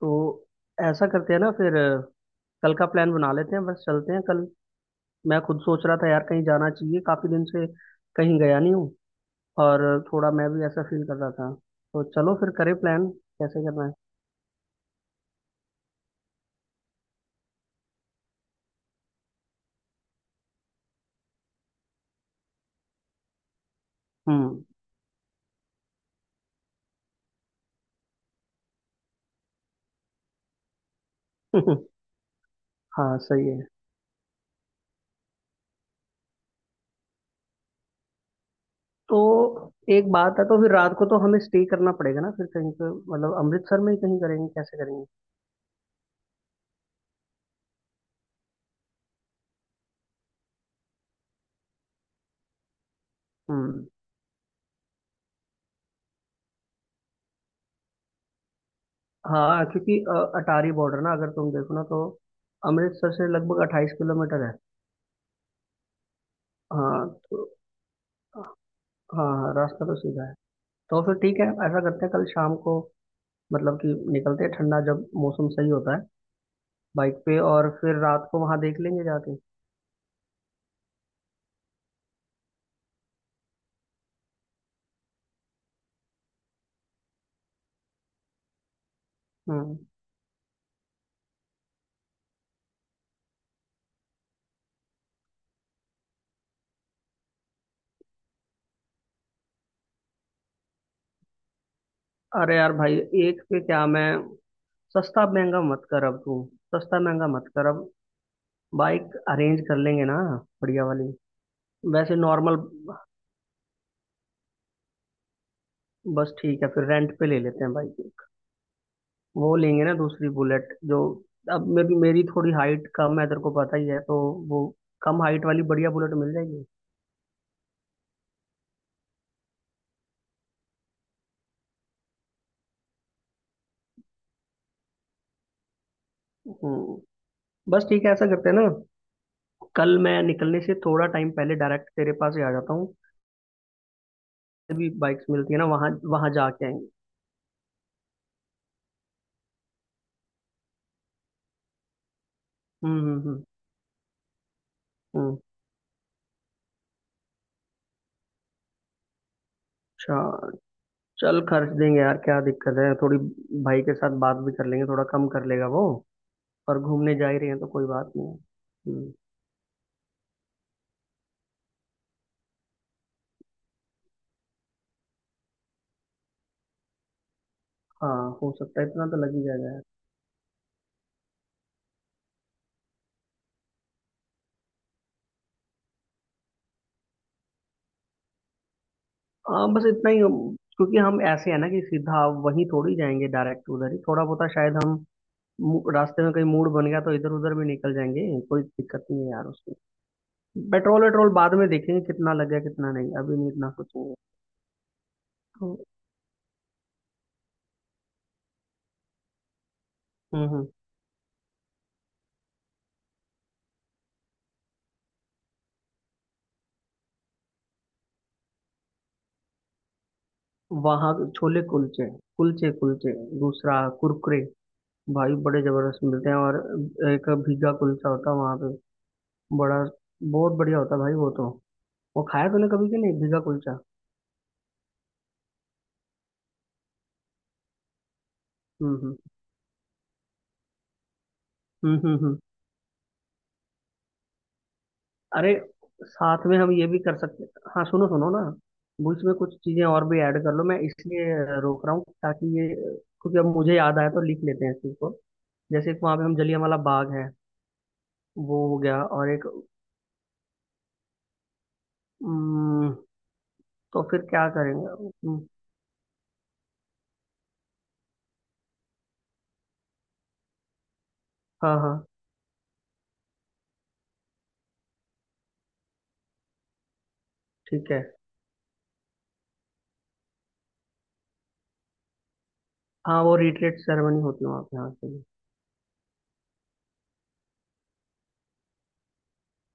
तो ऐसा करते हैं ना फिर कल का प्लान बना लेते हैं। बस चलते हैं कल। मैं खुद सोच रहा था यार, कहीं जाना चाहिए काफी दिन से कहीं गया नहीं हूँ। और थोड़ा मैं भी ऐसा फील कर रहा था। तो चलो फिर करें प्लान, कैसे करना है। हम्म। हाँ सही है। तो एक बात है, तो फिर रात को तो हमें स्टे करना पड़ेगा ना फिर कहीं पे, मतलब अमृतसर में ही कहीं करेंगे, कैसे करेंगे। हम्म। हाँ, क्योंकि अटारी बॉर्डर ना अगर तुम देखो ना तो अमृतसर से लगभग 28 किलोमीटर है। हाँ। तो हाँ हाँ, रास्ता तो सीधा है। तो फिर ठीक है, ऐसा करते हैं कल शाम को, मतलब कि निकलते हैं ठंडा जब मौसम सही होता है, बाइक पे। और फिर रात को वहां देख लेंगे जाके। हम्म। अरे यार भाई, एक पे क्या मैं। सस्ता महंगा मत कर अब तू। सस्ता महंगा मत कर अब। बाइक अरेंज कर लेंगे ना, बढ़िया वाली। वैसे नॉर्मल, बस ठीक है फिर रेंट पे ले लेते हैं बाइक एक। वो लेंगे ना दूसरी बुलेट जो। अब मेरी मेरी थोड़ी हाइट कम है तेरे को पता ही है तो वो कम हाइट वाली बढ़िया बुलेट मिल जाएगी। हम्म। बस ठीक है ऐसा करते हैं ना, कल मैं निकलने से थोड़ा टाइम पहले डायरेक्ट तेरे पास ही आ जाता हूँ। भी बाइक्स मिलती है ना वहाँ वहाँ जाके आएंगे। हम्म। हम्म। अच्छा। चल खर्च देंगे यार, क्या दिक्कत है थोड़ी। भाई के साथ बात भी कर लेंगे, थोड़ा कम कर लेगा वो। और घूमने जा ही रहे हैं तो कोई बात नहीं है। हम्म। हाँ हो सकता है, इतना तो लग ही जाएगा यार। हाँ बस इतना ही क्योंकि हम ऐसे है ना कि सीधा वहीं थोड़ी जाएंगे डायरेक्ट, उधर ही थोड़ा बहुत शायद हम रास्ते में कहीं मूड बन गया तो इधर उधर भी निकल जाएंगे, कोई दिक्कत नहीं है यार उसमें। पेट्रोल वेट्रोल बाद में देखेंगे कितना लगे कितना नहीं, अभी नहीं इतना सोचेंगे। तो हम्म। वहाँ के छोले कुलचे। कुलचे कुलचे। दूसरा कुरकुरे। भाई बड़े जबरदस्त मिलते हैं। और एक भीगा कुलचा होता है वहाँ पे, बड़ा बहुत बढ़िया होता है भाई वो तो। वो खाया तूने कभी कि नहीं, भीगा कुलचा। हम्म हम्म हम्म हम्म हम्म। अरे साथ में हम ये भी कर सकते। हाँ सुनो सुनो ना, बीच में कुछ चीजें और भी ऐड कर लो। मैं इसलिए रोक रहा हूँ ताकि ये, क्योंकि अब मुझे याद आया तो लिख लेते हैं इस चीज को। जैसे एक वहाँ पे हम जलियांवाला बाग है। वो हो गया, और एक उम्म, तो फिर क्या करेंगे। उम्म, हाँ हाँ ठीक है। हाँ वो रिट्रीट सेरेमनी होती है वहाँ पे, हाँ सही है।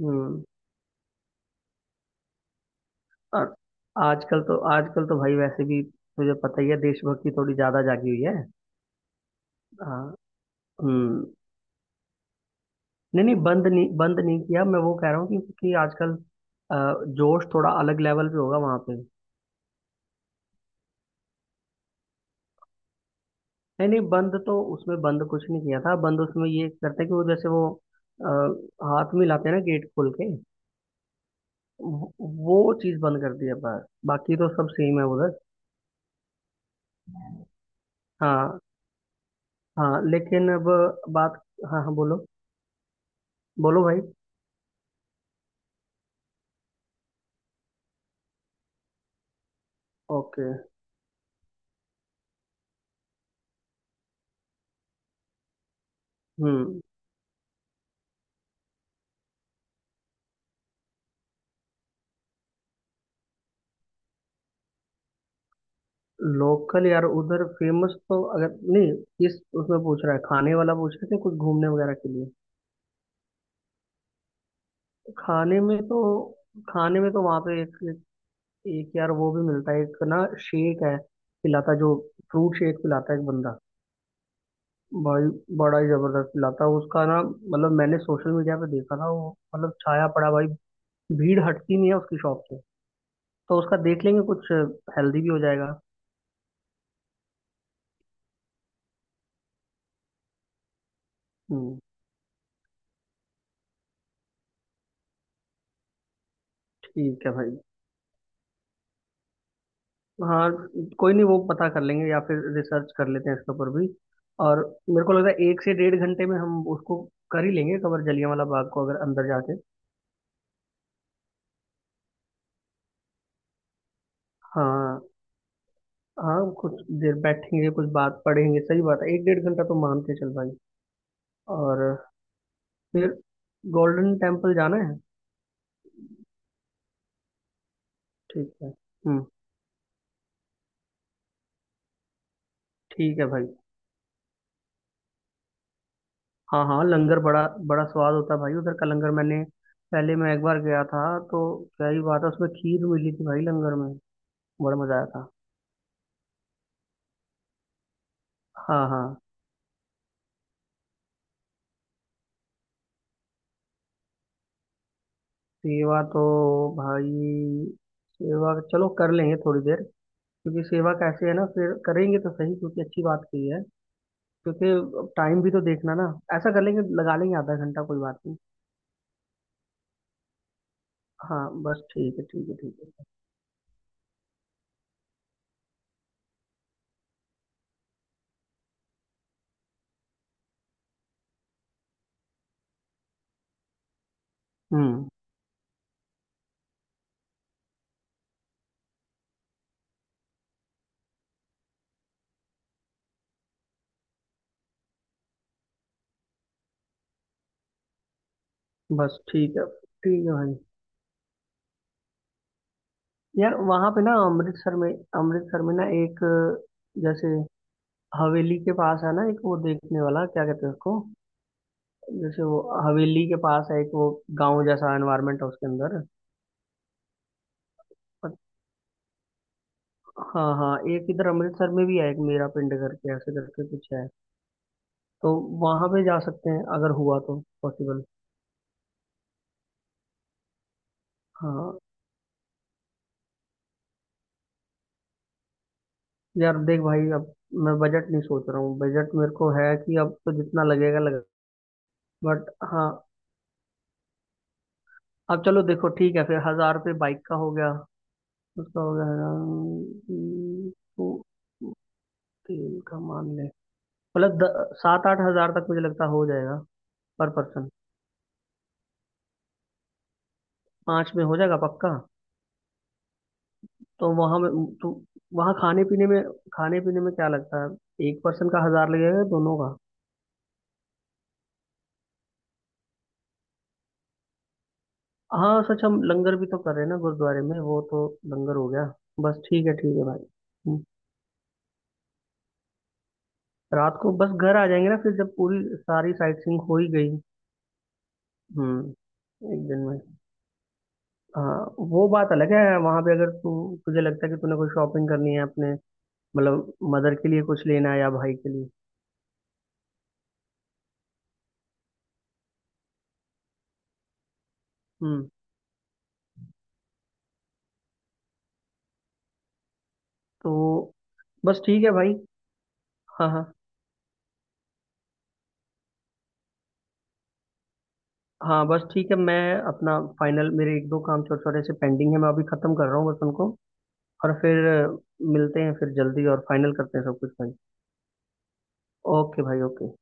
हम्म। और आजकल तो, आजकल तो भाई वैसे भी तुझे पता ही है, देशभक्ति थोड़ी ज्यादा जागी हुई है। हाँ। हम्म। नहीं नहीं, बंद नहीं, बंद नहीं किया। मैं वो कह रहा हूँ कि आजकल अ, जोश थोड़ा अलग लेवल पे होगा वहाँ पे। नहीं नहीं, बंद तो उसमें बंद कुछ नहीं किया था, बंद उसमें ये करते हैं कि वो जैसे वो आ, हाथ में लाते हैं ना गेट खोल के, वो वो चीज़ बंद कर दी है बस, बाकी तो सब सेम है उधर। हाँ हाँ लेकिन अब बात। हाँ हाँ बोलो। बोलो भाई। ओके। हम्म। लोकल यार उधर फेमस तो अगर नहीं, इस उसमें पूछ रहा है, खाने वाला पूछ रहे थे कुछ घूमने वगैरह के लिए। खाने में तो, खाने में तो वहाँ पे एक, एक यार वो भी मिलता है, एक ना शेक है पिलाता जो, फ्रूट शेक पिलाता है एक बंदा। भाई बड़ा ही जबरदस्त पिलाता है उसका ना, मतलब मैंने सोशल मीडिया पे देखा था वो, मतलब छाया पड़ा भाई, भीड़ हटती नहीं है उसकी शॉप से। तो उसका देख लेंगे कुछ, हेल्दी भी हो जाएगा। हम्म। ठीक है भाई। हाँ, कोई नहीं वो पता कर लेंगे या फिर रिसर्च कर लेते हैं इसके ऊपर भी। और मेरे को लगता है 1 से 1.5 घंटे में हम उसको कर ही लेंगे, कवर जलियांवाला बाग को, अगर अंदर जाके। हाँ हाँ, कुछ देर बैठेंगे कुछ बात पढ़ेंगे, सही बात है, 1-1.5 घंटा तो मान के चल भाई। और फिर गोल्डन टेम्पल जाना है, ठीक है। हम्म। ठीक है भाई। हाँ हाँ, लंगर बड़ा बड़ा स्वाद होता है भाई, उधर का लंगर मैंने पहले मैं एक बार गया था, तो क्या ही बात है, उसमें खीर मिली थी भाई लंगर में, बड़ा मजा आया था। हाँ हाँ। सेवा तो भाई, सेवा चलो कर लेंगे थोड़ी देर, क्योंकि सेवा कैसे है ना, फिर करेंगे तो सही, क्योंकि अच्छी बात की है। क्योंकि टाइम भी तो देखना ना, ऐसा कर लेंगे लगा लेंगे आधा घंटा कोई बात नहीं। हाँ बस ठीक है ठीक है ठीक है। हम्म। बस ठीक है भाई। यार वहाँ पे ना अमृतसर में, अमृतसर में ना एक, जैसे हवेली के पास है ना एक वो देखने वाला, क्या कहते हैं उसको। जैसे वो हवेली के पास है एक वो, गांव जैसा एनवायरनमेंट है उसके अंदर। पर- हाँ हाँ, एक इधर अमृतसर में भी है, एक मेरा पिंड करके ऐसे करके कुछ है। तो वहां पे जा सकते हैं अगर हुआ तो पॉसिबल। हाँ यार देख भाई अब, मैं बजट नहीं सोच रहा हूँ, बजट मेरे को है कि अब तो जितना लगेगा लगेगा। बट हाँ अब चलो देखो ठीक है, फिर 1,000 रुपये बाइक का हो गया, उसका हो गया। हम्म। तो तेल का मान ले, मतलब 7-8 हज़ार तक मुझे लगता हो जाएगा। पर पर्सन पाँच में हो जाएगा पक्का। तो वहाँ में, तो वहाँ खाने पीने में, खाने पीने में क्या लगता है, एक पर्सन का 1,000 लगेगा या दोनों का। हाँ सच हम लंगर भी तो कर रहे हैं ना गुरुद्वारे में, वो तो लंगर हो गया। बस ठीक है भाई। हम्म। रात को बस घर आ जाएंगे ना, फिर जब पूरी सारी साइट सीइंग हो ही गई। हम्म। एक दिन में। हाँ वो बात अलग है, वहां पे अगर तू, तुझे लगता है कि तूने कोई शॉपिंग करनी है अपने, मतलब मदर के लिए कुछ लेना है या भाई के लिए। हम्म। तो बस ठीक है भाई। हाँ हाँ हाँ। बस ठीक है, मैं अपना फाइनल, मेरे एक दो काम छोटे छोटे से पेंडिंग है, मैं अभी खत्म कर रहा हूँ बस उनको। और फिर मिलते हैं फिर जल्दी और फाइनल करते हैं सब कुछ भाई। ओके भाई ओके।